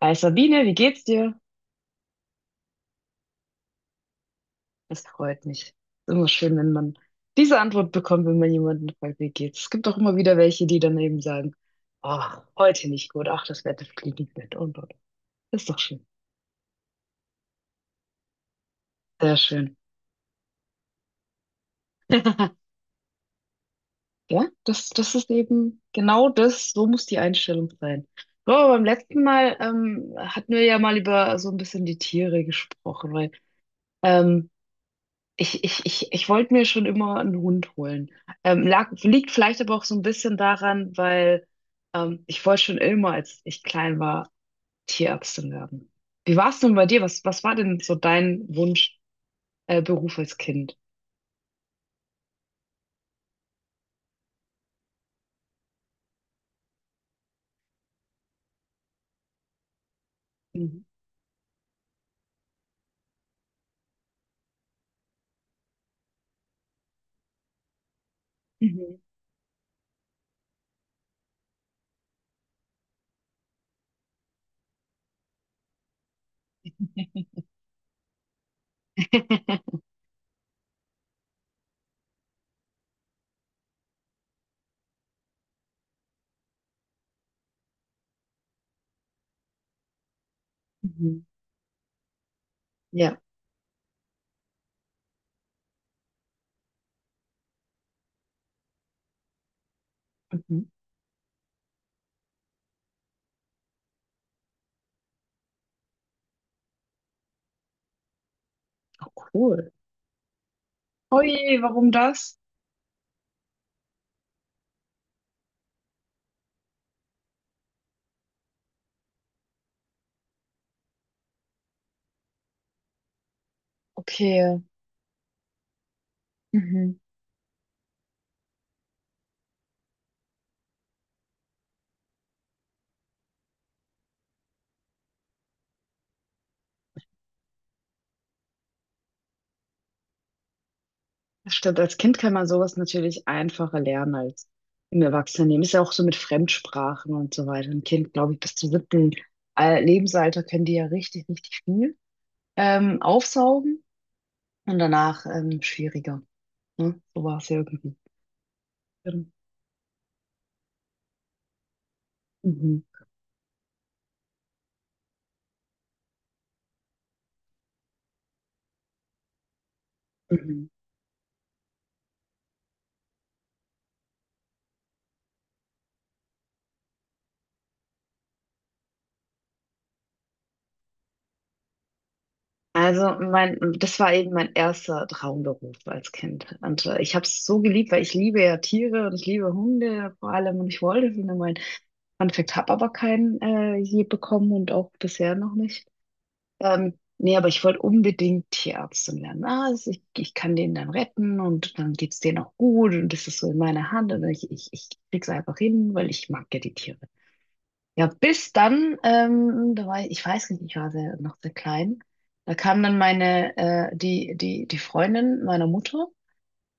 Hi Sabine, wie geht's dir? Das freut mich. Ist immer schön, wenn man diese Antwort bekommt, wenn man jemanden fragt, wie geht's. Es gibt auch immer wieder welche, die dann eben sagen, ach, heute nicht gut, ach, das Wetter fliegt nicht mit und. Das ist doch schön. Sehr schön. Ja, das ist eben genau das, so muss die Einstellung sein. So, aber beim letzten Mal hatten wir ja mal über so ein bisschen die Tiere gesprochen, weil ähm, Ich, ich, ich, ich wollte mir schon immer einen Hund holen. Liegt vielleicht aber auch so ein bisschen daran, weil ich wollte schon immer, als ich klein war, Tierärztin werden. Wie war es denn bei dir? Was war denn so dein Wunsch, Beruf als Kind? Mhm. Mhm. Mhm. Ja. Mhm. Oh, cool. Oje, warum das? Okay. Mhm. Das Stimmt, als Kind kann man sowas natürlich einfacher lernen als im Erwachsenenleben. Ist ja auch so mit Fremdsprachen und so weiter. Ein Kind, glaube ich, bis zum siebten Lebensalter können die ja richtig, richtig viel aufsaugen und danach schwieriger. Ne? So war es ja irgendwie. Mhm. Mhm. Also mein, das war eben mein erster Traumberuf als Kind. Und ich habe es so geliebt, weil ich liebe ja Tiere und ich liebe Hunde vor allem und ich wollte für meine Fun Fact, habe aber keinen je bekommen und auch bisher noch nicht. Nee, aber ich wollte unbedingt Tierärztin werden. Ich kann den dann retten und dann geht's denen auch gut und das ist so in meiner Hand und ich krieg's einfach hin, weil ich mag ja die Tiere. Ja, bis dann, da war ich, ich weiß nicht, ich war sehr, noch sehr klein. Da kam dann meine, die Freundin meiner Mutter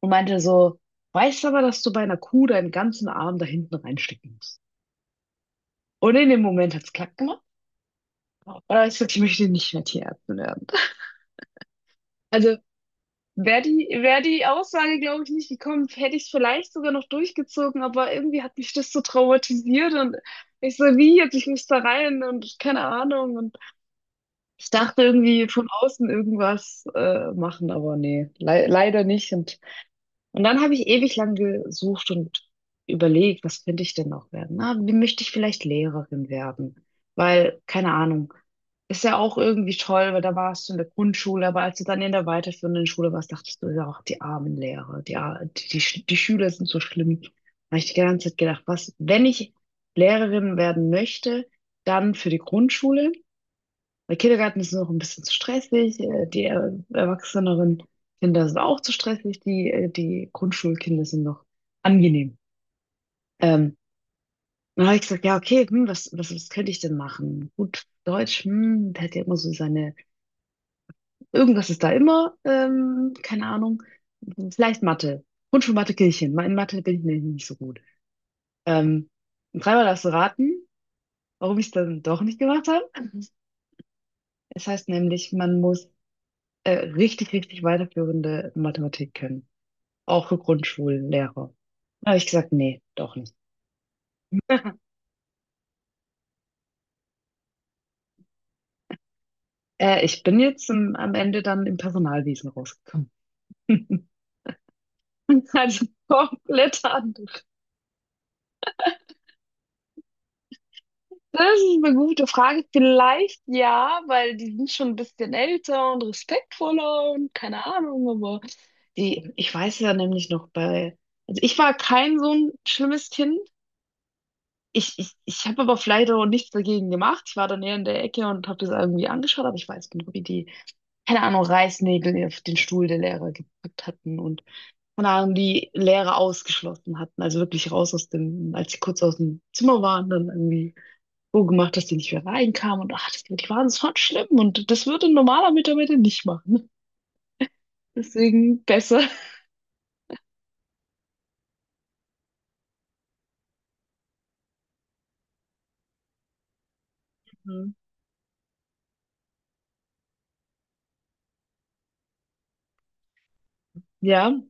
und meinte so, weißt aber, dass du bei einer Kuh deinen ganzen Arm da hinten reinstecken musst. Und in dem Moment hat's klack. Aber ich möchte nicht mehr Tierärztin werden. Also wär die Aussage, glaube ich, nicht gekommen, hätte ich es vielleicht sogar noch durchgezogen, aber irgendwie hat mich das so traumatisiert und ich so, wie jetzt, ich muss da rein und keine Ahnung. Und ich dachte irgendwie von außen irgendwas machen, aber nee, le leider nicht. Und dann habe ich ewig lang gesucht und überlegt, was könnte ich denn noch werden? Na, wie möchte ich vielleicht Lehrerin werden? Weil, keine Ahnung. Ist ja auch irgendwie toll, weil da warst du in der Grundschule, aber als du dann in der weiterführenden Schule warst, dachtest du ja auch, die armen Lehrer, die Schüler sind so schlimm. Da habe ich die ganze Zeit gedacht, was, wenn ich Lehrerin werden möchte, dann für die Grundschule. Weil Kindergarten ist noch ein bisschen zu stressig, die erwachseneren Kinder sind auch zu stressig, die Grundschulkinder sind noch angenehm. Ähm, Dann habe ich gesagt, ja, okay, hm, was könnte ich denn machen? Gut, Deutsch, hm, der hat ja immer so seine. Irgendwas ist da immer, keine Ahnung, vielleicht Mathe. Grundschulmathe Kirchen. In Mathe bin ich nämlich nicht so gut. Ähm, Dreimal darfst du raten, warum ich es dann doch nicht gemacht habe. Es heißt nämlich, man muss richtig, richtig weiterführende Mathematik können. Auch für Grundschullehrer. Da habe ich gesagt, nee, doch nicht. Ich bin jetzt am Ende dann im Personalwesen rausgekommen. Also komplett anders. Das ist eine gute Frage. Vielleicht ja, weil die sind schon ein bisschen älter und respektvoller und keine Ahnung, aber die, ich weiß ja nämlich noch bei, also ich war kein so ein schlimmes Kind. Ich habe aber vielleicht auch nichts dagegen gemacht. Ich war dann eher in der Ecke und habe das irgendwie angeschaut, aber ich weiß genau, wie die, keine Ahnung, Reißnägel auf den Stuhl der Lehrer gepackt hatten und keine Ahnung, die Lehrer ausgeschlossen hatten. Also wirklich raus aus dem, als sie kurz aus dem Zimmer waren, dann irgendwie so gemacht, dass die nicht mehr reinkamen und ach, das, die waren so schlimm und das würde ein normaler Mitarbeiter nicht machen. Deswegen besser. Mhm. Ja,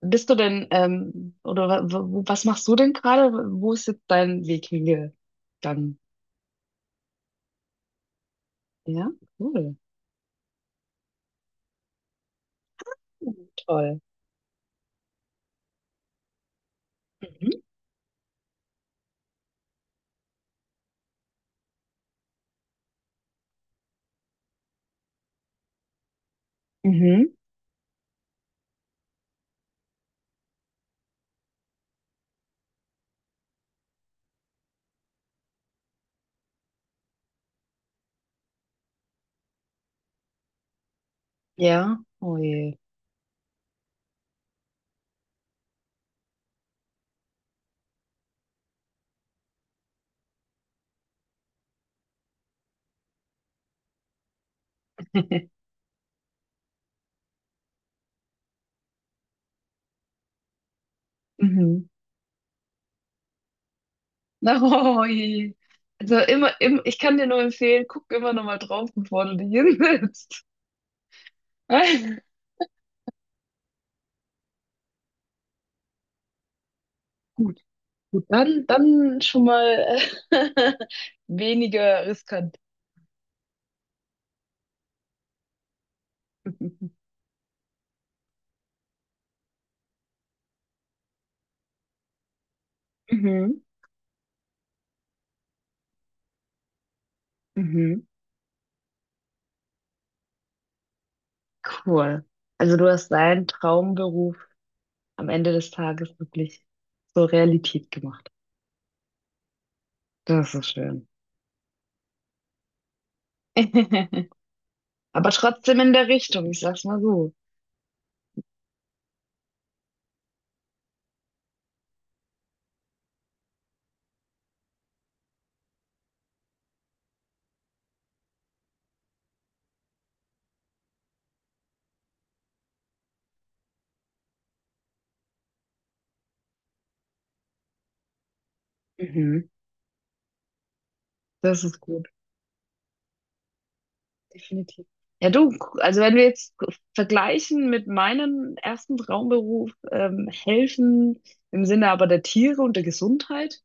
bist du denn, oder was machst du denn gerade? Wo ist jetzt dein Weg hingegangen? Ja, cool. Toll. Mhm. Mhm. Ja, oh je. Mhm. Na, oh je. Also immer, im, ich kann dir nur empfehlen, guck immer noch mal drauf, bevor du dich hinsetzt. Gut, dann schon mal äh, weniger riskant. Mhm. Mhm. Cool. Also du hast deinen Traumberuf am Ende des Tages wirklich zur Realität gemacht. Das ist schön. Aber trotzdem in der Richtung, ich sag's mal so. Mhm. Das ist gut, definitiv. Ja, du, also wenn wir jetzt vergleichen mit meinem ersten Traumberuf, helfen im Sinne aber der Tiere und der Gesundheit.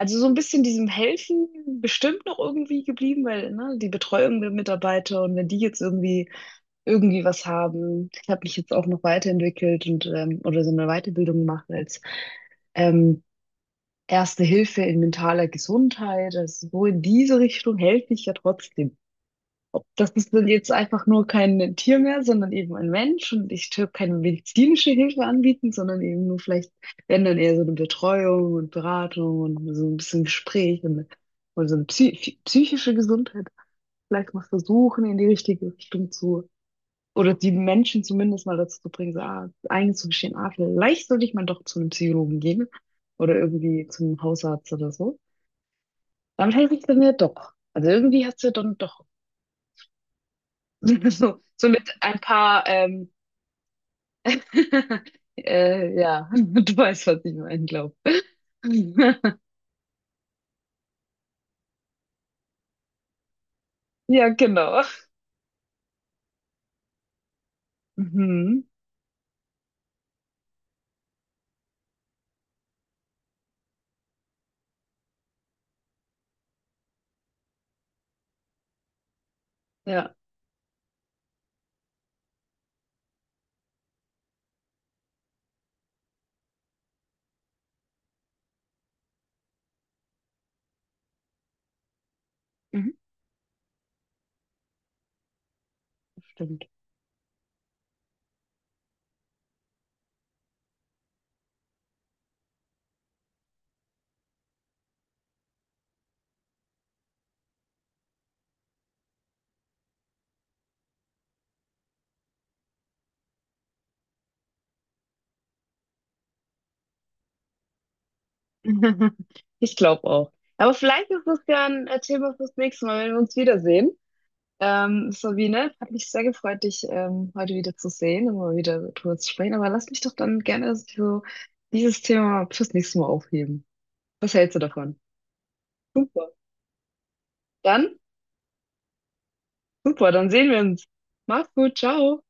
Also so ein bisschen diesem Helfen bestimmt noch irgendwie geblieben, weil ne, die Betreuung der Mitarbeiter und wenn die jetzt irgendwie irgendwie was haben, ich habe mich jetzt auch noch weiterentwickelt und oder so eine Weiterbildung gemacht als ähm, Erste Hilfe in mentaler Gesundheit. Also so in diese Richtung helfe ich ja trotzdem. Das ist dann jetzt einfach nur kein Tier mehr, sondern eben ein Mensch. Und ich tue keine medizinische Hilfe anbieten, sondern eben nur vielleicht, wenn dann eher so eine Betreuung und Beratung und so ein bisschen Gespräch und so eine psychische Gesundheit. Vielleicht mal versuchen, in die richtige Richtung zu, oder die Menschen zumindest mal dazu zu bringen, so, ah, einzugestehen, ah, vielleicht sollte ich mal doch zu einem Psychologen gehen oder irgendwie zum Hausarzt oder so. Damit helfe ich dann ja doch. Also irgendwie hat es ja dann doch. So, so mit ein paar, ja, du weißt, was ich meine, glaube ich. Ja, genau. Mhm. Ja, mhm. Stimmt. Ich glaube auch. Aber vielleicht ist das ja ein Thema fürs nächste Mal, wenn wir uns wiedersehen. Sabine, hat mich sehr gefreut, dich heute wieder zu sehen und mal wieder drüber zu sprechen. Aber lass mich doch dann gerne so dieses Thema fürs nächste Mal aufheben. Was hältst du davon? Super. Dann. Super, dann sehen wir uns. Mach's gut, ciao.